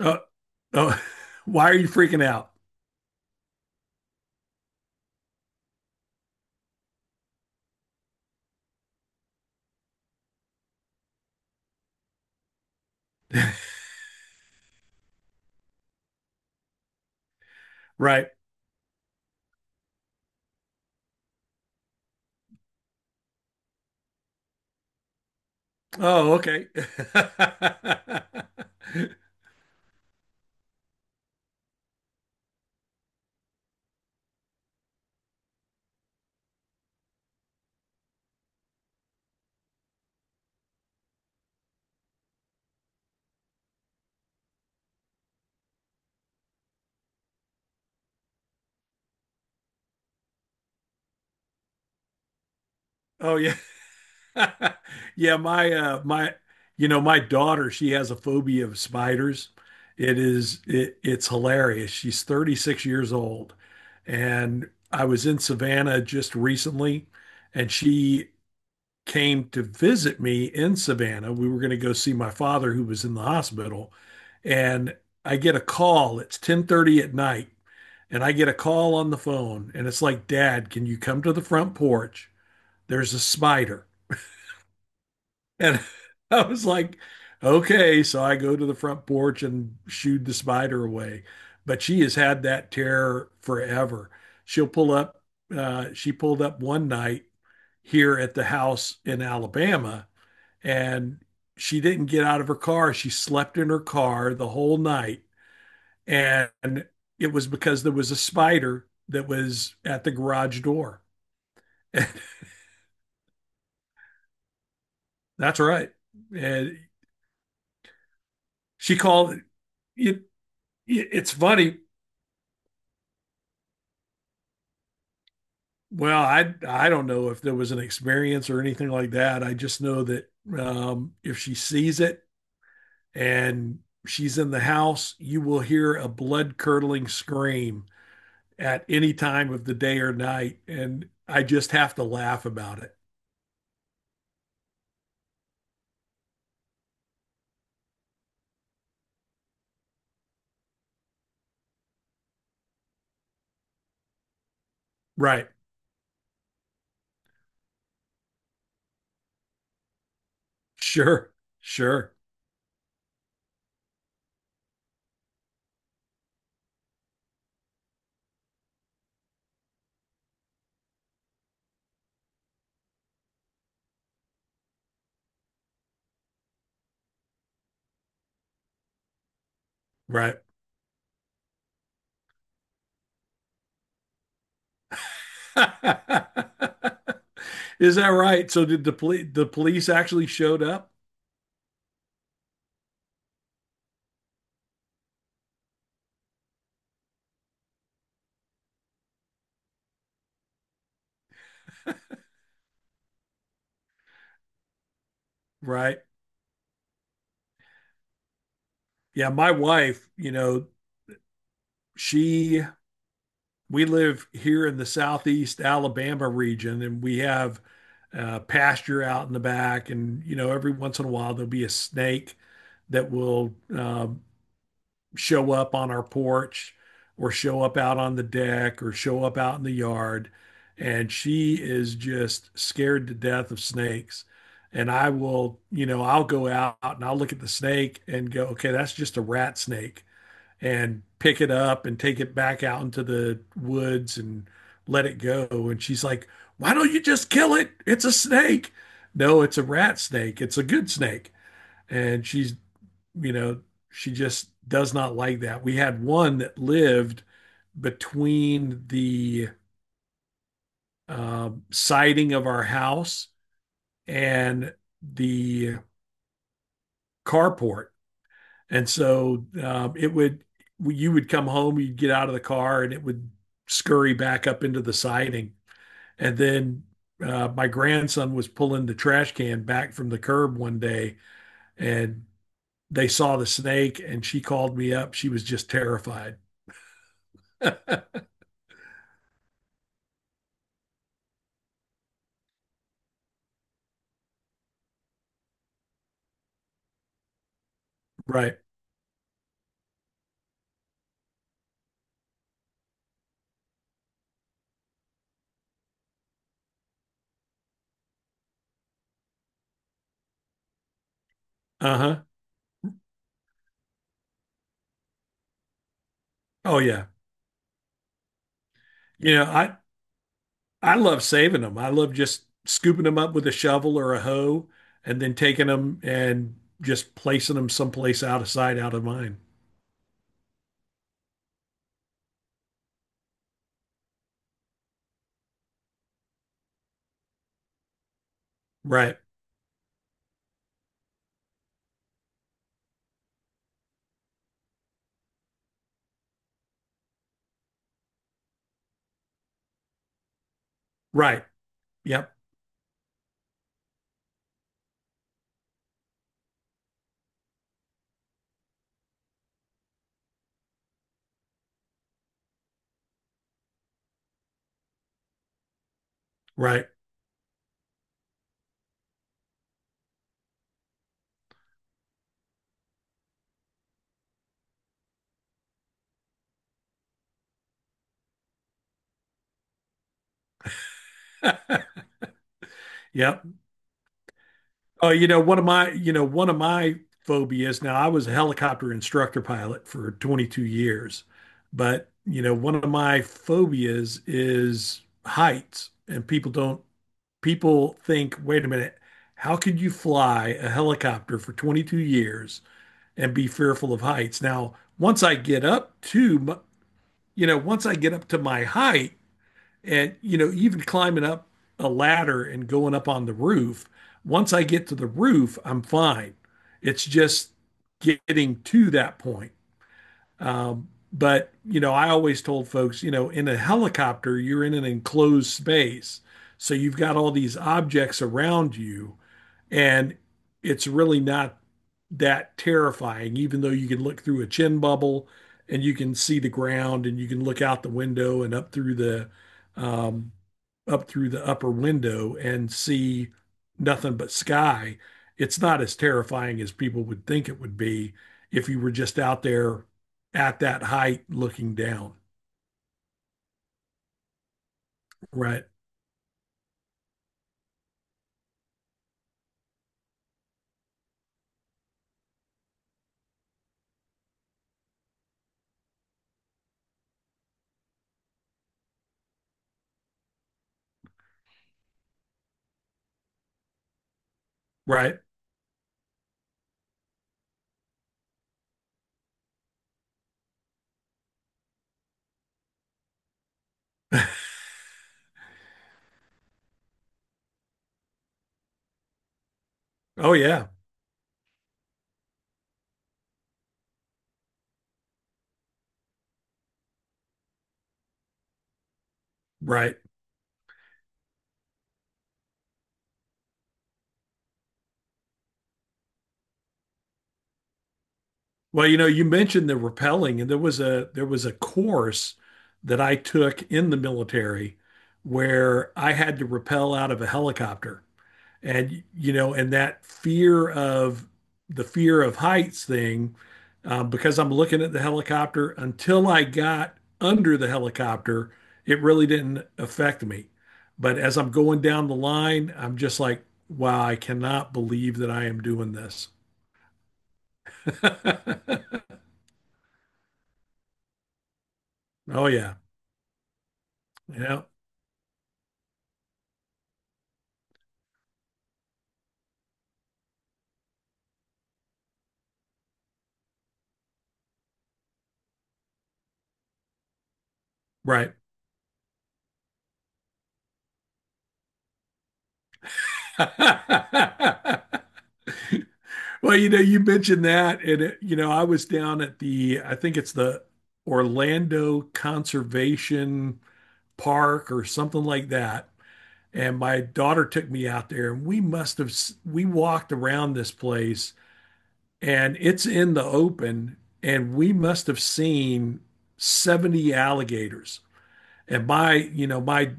Oh, oh, why are you freaking out? Right. Oh, okay. Oh yeah. Yeah, my you know, my daughter, she has a phobia of spiders. It is it's hilarious. She's 36 years old. And I was in Savannah just recently and she came to visit me in Savannah. We were going to go see my father who was in the hospital and I get a call. It's 10:30 at night, and I get a call on the phone, and it's like, Dad, can you come to the front porch? There's a spider. And I was like, okay. So I go to the front porch and shooed the spider away. But she has had that terror forever. She'll pull up, she pulled up one night here at the house in Alabama, and she didn't get out of her car. She slept in her car the whole night. And it was because there was a spider that was at the garage door. That's right. And she called it, it it's funny. Well, I don't know if there was an experience or anything like that. I just know that if she sees it and she's in the house, you will hear a blood curdling scream at any time of the day or night, and I just have to laugh about it. Right? Sure. Sure. Right. Is that right? So did the police actually showed up? Right. Yeah, my wife, you know, she we live here in the southeast Alabama region, and we have pasture out in the back, and you know every once in a while there'll be a snake that will show up on our porch or show up out on the deck or show up out in the yard. And she is just scared to death of snakes. And I will, you know, I'll go out and I'll look at the snake and go, okay, that's just a rat snake, and pick it up and take it back out into the woods and let it go. And she's like, why don't you just kill it? It's a snake. No, it's a rat snake. It's a good snake. And she's you know, she just does not like that. We had one that lived between the siding of our house and the carport. And so it would, you would come home, you'd get out of the car, and it would scurry back up into the siding. And then my grandson was pulling the trash can back from the curb one day, and they saw the snake, and she called me up. She was just terrified. Right. Uh-huh. Oh yeah. You know, I love saving them. I love just scooping them up with a shovel or a hoe and then taking them and just placing them someplace out of sight, out of mind. Right. Right. Yep. Right. Yep. Oh, you know, one of my phobias now, I was a helicopter instructor pilot for 22 years, but you know, one of my phobias is heights, and people don't people think, wait a minute, how could you fly a helicopter for 22 years and be fearful of heights? Now, once I get up to, you know, once I get up to my height and, you know, even climbing up a ladder and going up on the roof, once I get to the roof, I'm fine. It's just getting to that point. But you know, I always told folks, you know, in a helicopter, you're in an enclosed space, so you've got all these objects around you, and it's really not that terrifying, even though you can look through a chin bubble and you can see the ground and you can look out the window and um, up through the upper window and see nothing but sky. It's not as terrifying as people would think it would be if you were just out there at that height looking down. Right. Right. Oh yeah. Right. Well, you know, you mentioned the rappelling, and there was a course that I took in the military where I had to rappel out of a helicopter. And you know, and that fear of the fear of heights thing, because I'm looking at the helicopter until I got under the helicopter, it really didn't affect me. But as I'm going down the line, I'm just like, wow, I cannot believe that I am doing this. Oh yeah. Yeah. Right. Well, you know, you mentioned that, and it, you know, I was down at the, I think it's the Orlando Conservation Park or something like that, and my daughter took me out there, and we must have s- we walked around this place, and it's in the open, and we must have seen 70 alligators. And my, you know, my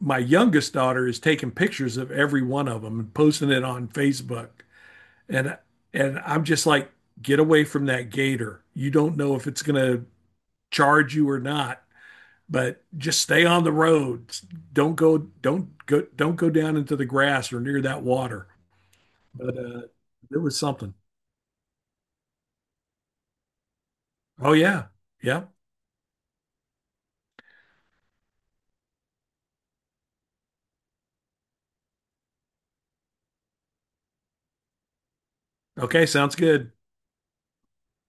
my youngest daughter is taking pictures of every one of them and posting it on Facebook, and and I'm just like, get away from that gator. You don't know if it's going to charge you or not, but just stay on the road. Don't go down into the grass or near that water. But it was something. Oh yeah, yeah. Okay, sounds good.